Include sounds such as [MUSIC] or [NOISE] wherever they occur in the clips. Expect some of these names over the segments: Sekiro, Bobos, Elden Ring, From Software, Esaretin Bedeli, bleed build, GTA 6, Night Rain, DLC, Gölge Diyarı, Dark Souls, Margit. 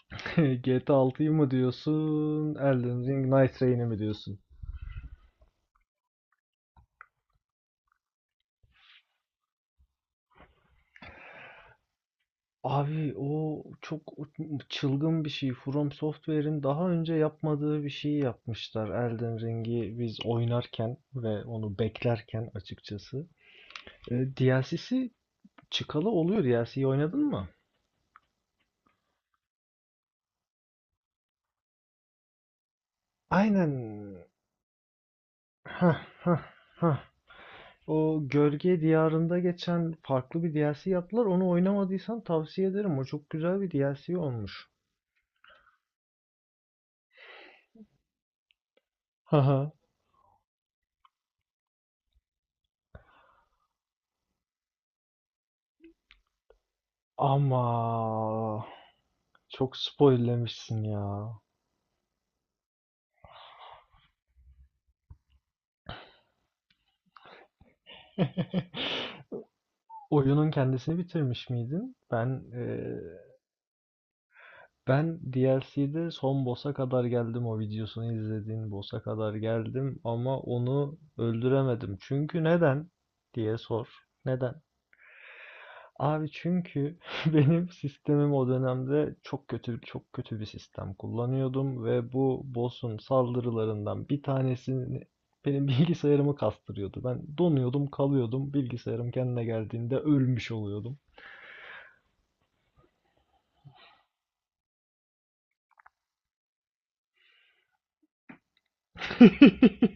[LAUGHS] GTA 6'yı mı diyorsun? Elden Ring Night Rain'i mi diyorsun? Abi, o çok çılgın bir şey. From Software'in daha önce yapmadığı bir şeyi yapmışlar, Elden Ring'i biz oynarken ve onu beklerken, açıkçası. E, DLC'si çıkalı oluyor. DLC'yi oynadın mı? Aynen. Hah hah hah. O, Gölge Diyarı'nda geçen farklı bir DLC yaptılar. Onu oynamadıysan tavsiye ederim. O çok güzel bir DLC olmuş. Haha. Ama çok spoil'lemişsin ya. [LAUGHS] Oyunun kendisini bitirmiş miydin? Ben DLC'de son boss'a kadar geldim, o videosunu izlediğin boss'a kadar geldim ama onu öldüremedim. Çünkü neden diye sor. Neden? Abi, çünkü [LAUGHS] benim sistemim o dönemde çok kötü, çok kötü bir sistem kullanıyordum ve bu boss'un saldırılarından bir tanesini benim [LAUGHS] bilgisayarımı kastırıyordu. Ben donuyordum, kalıyordum. Bilgisayarım kendine geldiğinde ölmüş oluyordum. [LAUGHS]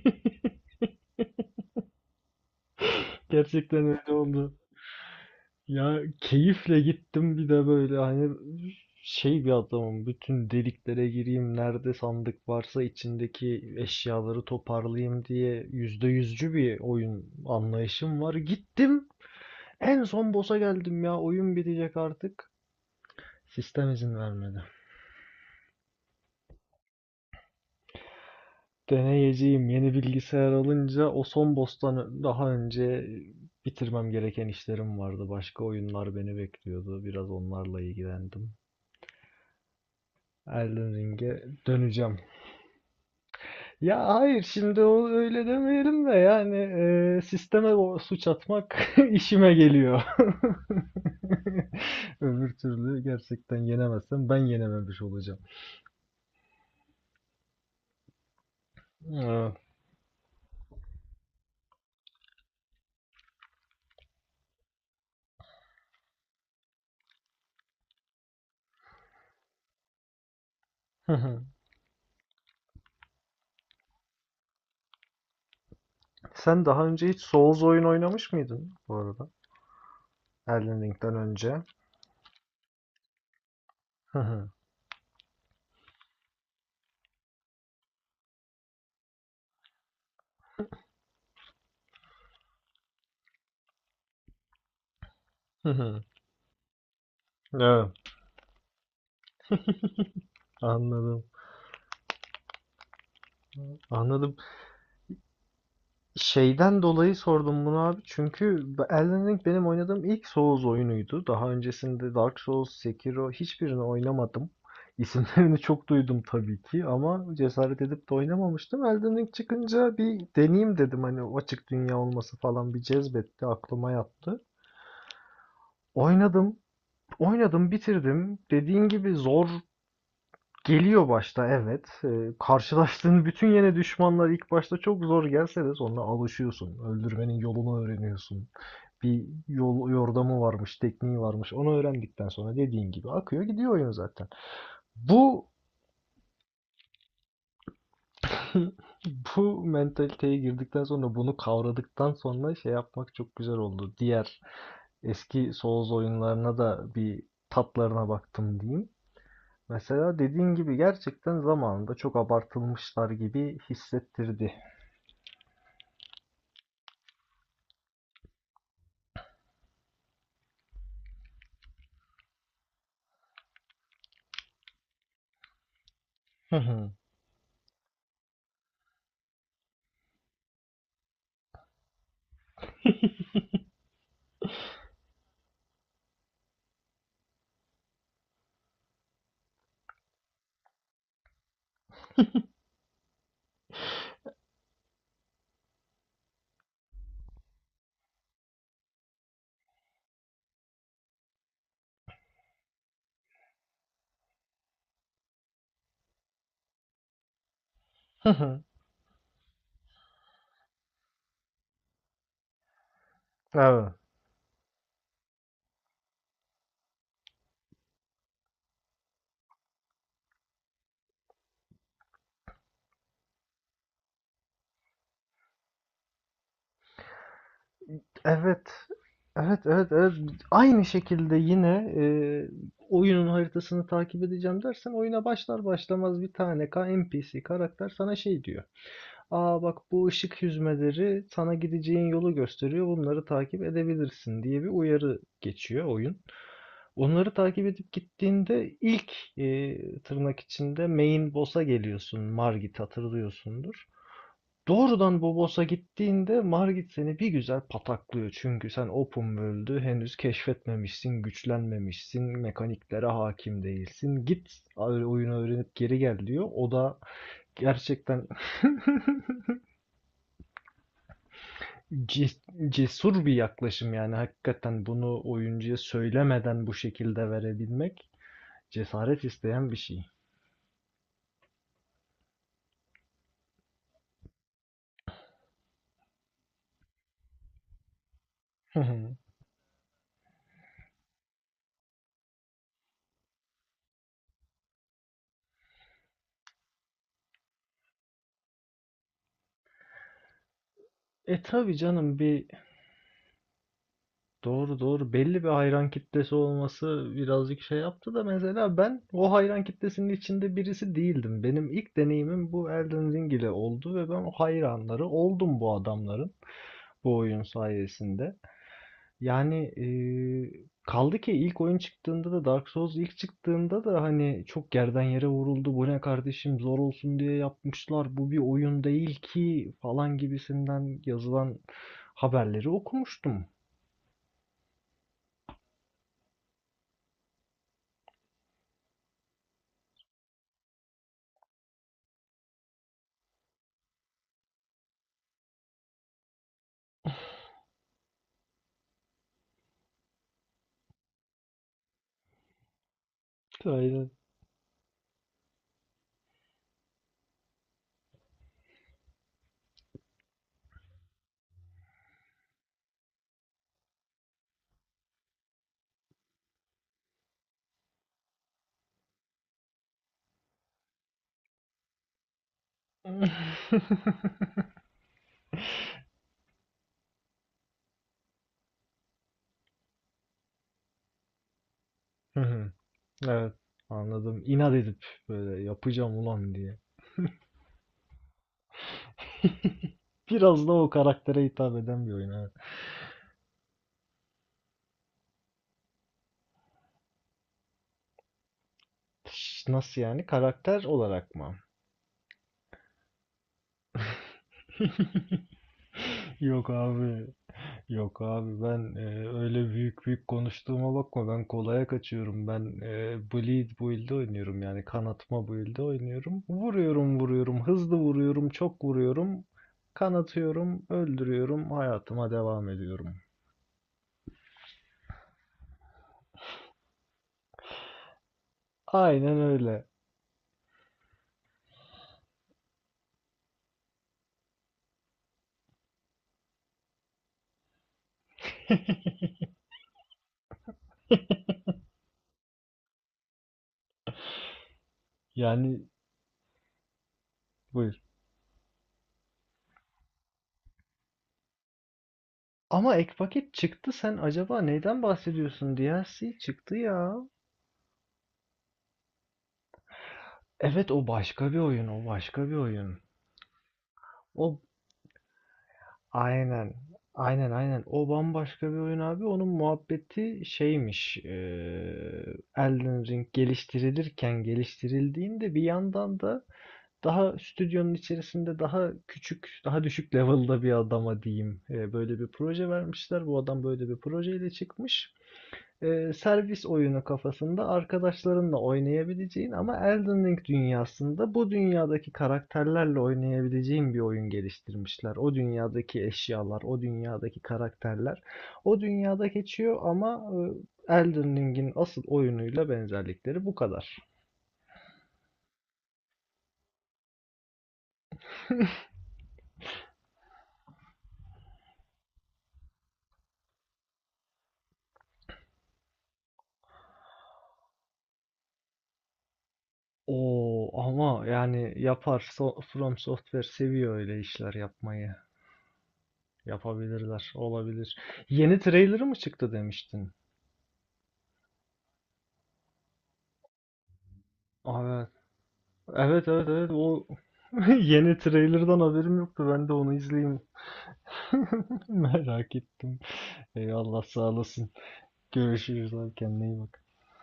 Gerçekten öyle oldu. Ya, keyifle gittim bir de, böyle hani şey bir adamım: bütün deliklere gireyim, nerede sandık varsa içindeki eşyaları toparlayayım diye yüzde yüzcü bir oyun anlayışım var. Gittim, en son boss'a geldim, ya, oyun bitecek artık. Sistem izin vermedi. Deneyeceğim, yeni bilgisayar alınca o son boss'tan, daha önce bitirmem gereken işlerim vardı. Başka oyunlar beni bekliyordu. Biraz onlarla ilgilendim. Elden Ring'e döneceğim. Ya hayır, şimdi o öyle demeyelim de, yani sisteme o suç atmak [LAUGHS] işime geliyor. [LAUGHS] Öbür türlü, gerçekten yenemezsem, ben yenememiş olacağım. Evet. [LAUGHS] Sen daha önce hiç Souls oyun oynamış mıydın bu arada? Elden Ring'den önce. Hı hı. Hı hı. Evet, anladım. Anladım. Şeyden dolayı sordum bunu, abi. Çünkü Elden Ring benim oynadığım ilk Souls oyunuydu. Daha öncesinde Dark Souls, Sekiro, hiçbirini oynamadım. [LAUGHS] İsimlerini çok duydum tabii ki, ama cesaret edip de oynamamıştım. Elden Ring çıkınca, bir deneyeyim dedim. Hani o açık dünya olması falan bir cezbetti, aklıma yattı. Oynadım, oynadım, bitirdim. Dediğin gibi zor geliyor başta, evet. Karşılaştığın [LAUGHS] bütün yeni düşmanlar ilk başta çok zor gelse de, sonra alışıyorsun. Öldürmenin yolunu öğreniyorsun. Bir yol yordamı varmış, tekniği varmış. Onu öğrendikten sonra, dediğin gibi akıyor gidiyor oyun zaten. Bu [LAUGHS] bu mentaliteye girdikten sonra, bunu kavradıktan sonra şey yapmak çok güzel oldu. Diğer eski Souls oyunlarına da bir tatlarına baktım diyeyim. Mesela dediğin gibi, gerçekten zamanında çok abartılmışlar gibi hissettirdi. Hı hı. Hı hı. Evet. Evet. Evet, evet, evet. Aynı şekilde yine oyunun haritasını takip edeceğim dersen, oyuna başlar başlamaz bir tane NPC karakter sana şey diyor: aa bak, bu ışık hüzmeleri sana gideceğin yolu gösteriyor, bunları takip edebilirsin diye bir uyarı geçiyor oyun. Onları takip edip gittiğinde, ilk tırnak içinde main boss'a geliyorsun. Margit, hatırlıyorsundur. Doğrudan Bobos'a gittiğinde, Margit seni bir güzel pataklıyor. Çünkü sen open world'ü henüz keşfetmemişsin, güçlenmemişsin, mekaniklere hakim değilsin. Git oyunu öğrenip geri gel diyor. O da gerçekten [LAUGHS] cesur bir yaklaşım, yani hakikaten bunu oyuncuya söylemeden bu şekilde verebilmek cesaret isteyen bir şey. [LAUGHS] E, tabi canım, bir. Doğru, doğru. Belli bir hayran kitlesi olması birazcık şey yaptı da, mesela ben o hayran kitlesinin içinde birisi değildim. Benim ilk deneyimim bu Elden Ring ile oldu ve ben o hayranları oldum bu adamların, bu oyun sayesinde. Yani kaldı ki ilk oyun çıktığında da, Dark Souls ilk çıktığında da, hani çok yerden yere vuruldu. Bu ne kardeşim, zor olsun diye yapmışlar, bu bir oyun değil ki falan gibisinden yazılan haberleri okumuştum. [LAUGHS] Hı hı. Evet, anladım. İnat edip böyle yapacağım ulan diye. [LAUGHS] Biraz da o karaktere hitap eden bir oyun, evet. Nasıl yani? Karakter olarak mı? [LAUGHS] Yok abi. Yok abi, ben öyle büyük büyük konuştuğuma bakma. Ben kolaya kaçıyorum. Ben bleed build'de oynuyorum. Yani kanatma build'de oynuyorum. Vuruyorum, vuruyorum. Hızlı vuruyorum. Çok vuruyorum. Kanatıyorum. Öldürüyorum. Hayatıma devam ediyorum. Aynen öyle. Yani, buyur. Ama ek paket çıktı, sen acaba neyden bahsediyorsun? DLC çıktı ya. Evet, o başka bir oyun, o başka bir oyun. O aynen, aynen, aynen. O bambaşka bir oyun, abi. Onun muhabbeti şeymiş. Elden Ring geliştirilirken, geliştirildiğinde, bir yandan da daha stüdyonun içerisinde daha küçük, daha düşük level'da bir adama diyeyim, böyle bir proje vermişler. Bu adam böyle bir projeyle çıkmış. Servis oyunu kafasında, arkadaşlarınla oynayabileceğin ama Elden Ring dünyasında, bu dünyadaki karakterlerle oynayabileceğin bir oyun geliştirmişler. O dünyadaki eşyalar, o dünyadaki karakterler o dünyada geçiyor ama Elden Ring'in asıl oyunuyla benzerlikleri bu kadar. Oo, ama yani yapar. From Software seviyor öyle işler yapmayı. Yapabilirler, olabilir. Yeni trailer'ı mı çıktı demiştin? Aa, evet, evet, evet, o [LAUGHS] yeni trailer'dan haberim yoktu. Ben de onu izleyeyim. [LAUGHS] Merak ettim. Eyvallah, sağ olasın. Görüşürüz abi, kendine iyi bak.